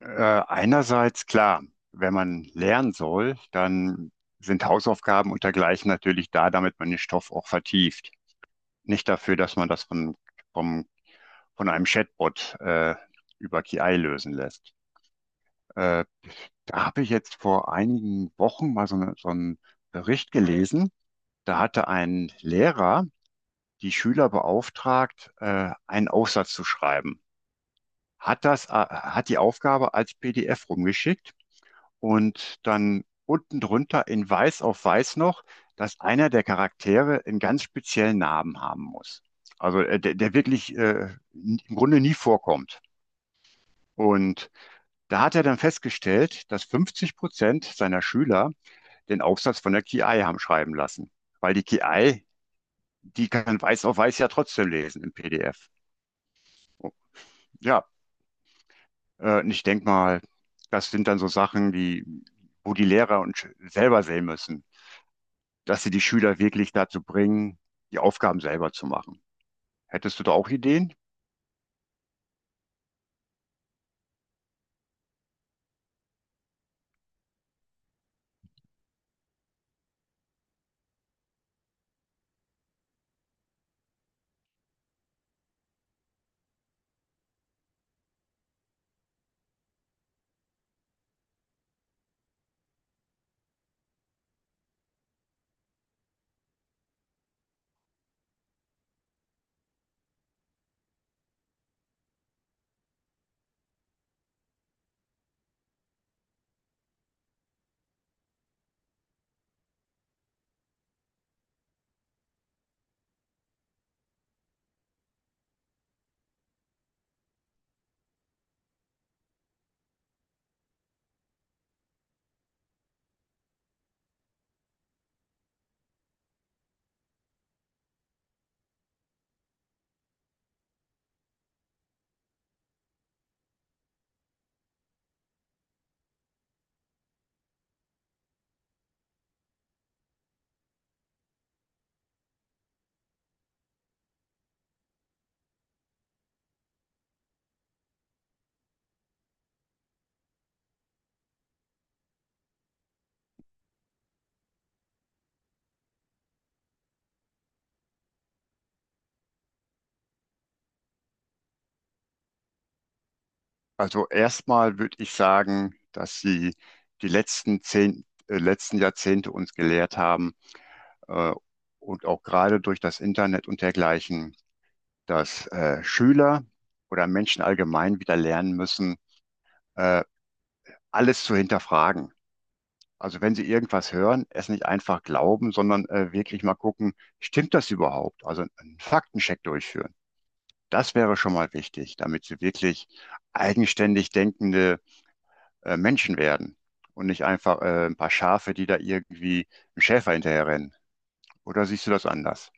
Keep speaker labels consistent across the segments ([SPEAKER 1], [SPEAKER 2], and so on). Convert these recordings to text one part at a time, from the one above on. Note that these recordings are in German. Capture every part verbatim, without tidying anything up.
[SPEAKER 1] Äh, einerseits klar, wenn man lernen soll, dann sind Hausaufgaben und dergleichen natürlich da, damit man den Stoff auch vertieft. Nicht dafür, dass man das von, vom, von einem Chatbot äh, über K I lösen lässt. Äh, da habe ich jetzt vor einigen Wochen mal so, eine, so einen Bericht gelesen. Da hatte ein Lehrer die Schüler beauftragt, äh, einen Aufsatz zu schreiben. Hat das, äh, hat die Aufgabe als P D F rumgeschickt. Und dann unten drunter in Weiß auf Weiß noch, dass einer der Charaktere einen ganz speziellen Namen haben muss. Also äh, der, der wirklich äh, im Grunde nie vorkommt. Und da hat er dann festgestellt, dass fünfzig Prozent seiner Schüler den Aufsatz von der K I haben schreiben lassen. Weil die K I, die kann Weiß auf Weiß ja trotzdem lesen im P D F. Ja, äh, und ich denke mal, das sind dann so Sachen, die, wo die Lehrer und Sch- selber sehen müssen, dass sie die Schüler wirklich dazu bringen, die Aufgaben selber zu machen. Hättest du da auch Ideen? Also erstmal würde ich sagen, dass sie die letzten zehn, äh, letzten Jahrzehnte uns gelehrt haben, äh, und auch gerade durch das Internet und dergleichen, dass äh, Schüler oder Menschen allgemein wieder lernen müssen, äh, alles zu hinterfragen. Also wenn sie irgendwas hören, es nicht einfach glauben, sondern äh, wirklich mal gucken, stimmt das überhaupt? Also einen Faktencheck durchführen. Das wäre schon mal wichtig, damit sie wirklich eigenständig denkende äh, Menschen werden und nicht einfach äh, ein paar Schafe, die da irgendwie einem Schäfer hinterherrennen. Oder siehst du das anders?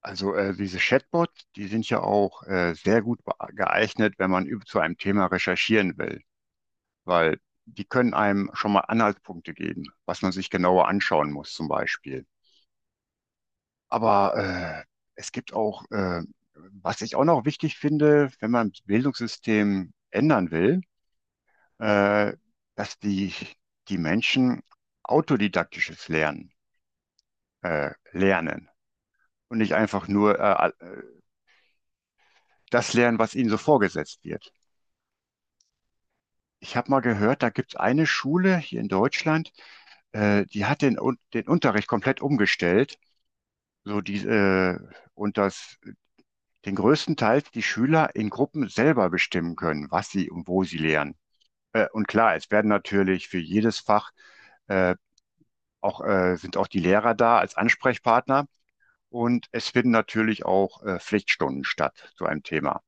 [SPEAKER 1] Also äh, diese Chatbots, die sind ja auch äh, sehr gut be- geeignet, wenn man üb- zu einem Thema recherchieren will, weil die können einem schon mal Anhaltspunkte geben, was man sich genauer anschauen muss zum Beispiel. Aber äh, es gibt auch, äh, was ich auch noch wichtig finde, wenn man das Bildungssystem ändern will, äh, dass die, die Menschen autodidaktisches Lernen äh, lernen und nicht einfach nur äh, das lernen, was ihnen so vorgesetzt wird. Ich habe mal gehört, da gibt es eine Schule hier in Deutschland, äh, die hat den, Un- den Unterricht komplett umgestellt, so die, äh, und dass den größten Teil die Schüler in Gruppen selber bestimmen können, was sie und wo sie lernen. Äh, und klar, es werden natürlich für jedes Fach äh, auch, äh, sind auch die Lehrer da als Ansprechpartner. Und es finden natürlich auch äh, Pflichtstunden statt zu einem Thema.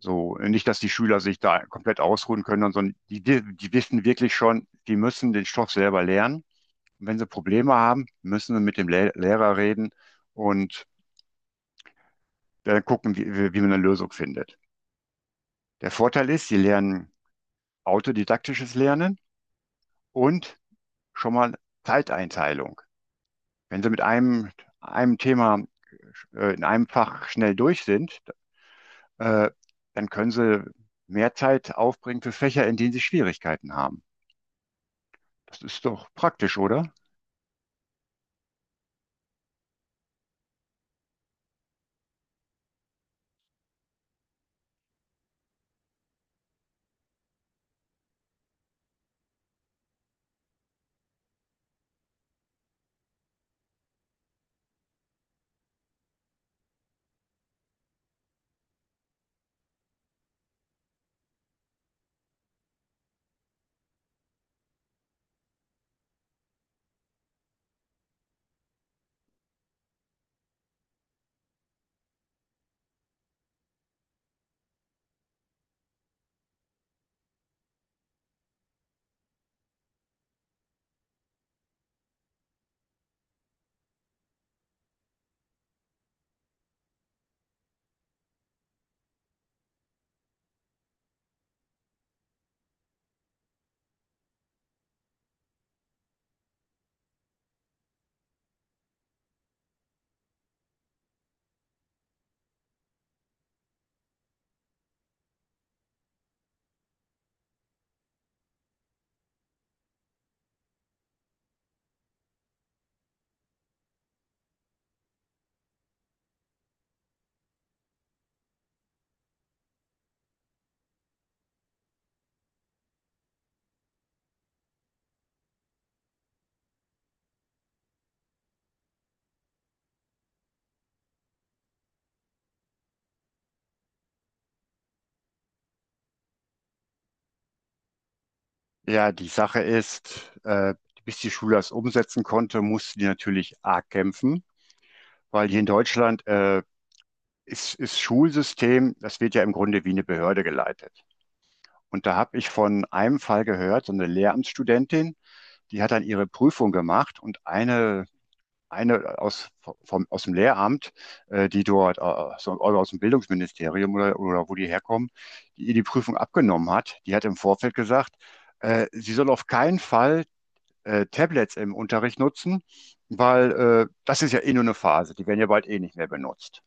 [SPEAKER 1] So, nicht, dass die Schüler sich da komplett ausruhen können, sondern die, die wissen wirklich schon, die müssen den Stoff selber lernen. Und wenn sie Probleme haben, müssen sie mit dem Le Lehrer reden und dann gucken, wie, wie man eine Lösung findet. Der Vorteil ist, sie lernen autodidaktisches Lernen und schon mal Zeiteinteilung. Wenn sie mit einem, einem Thema äh, in einem Fach schnell durch sind, äh, dann können sie mehr Zeit aufbringen für Fächer, in denen sie Schwierigkeiten haben. Das ist doch praktisch, oder? Ja, die Sache ist, äh, bis die Schule das umsetzen konnte, mussten die natürlich arg kämpfen, weil hier in Deutschland äh, ist, ist Schulsystem, das wird ja im Grunde wie eine Behörde geleitet. Und da habe ich von einem Fall gehört, so eine Lehramtsstudentin, die hat dann ihre Prüfung gemacht und eine eine aus, vom, aus dem Lehramt, äh, die dort äh, so, oder aus dem Bildungsministerium oder, oder wo die herkommen, die ihr die Prüfung abgenommen hat, die hat im Vorfeld gesagt, äh, sie soll auf keinen Fall äh, Tablets im Unterricht nutzen, weil äh, das ist ja eh nur eine Phase, die werden ja bald eh nicht mehr benutzt.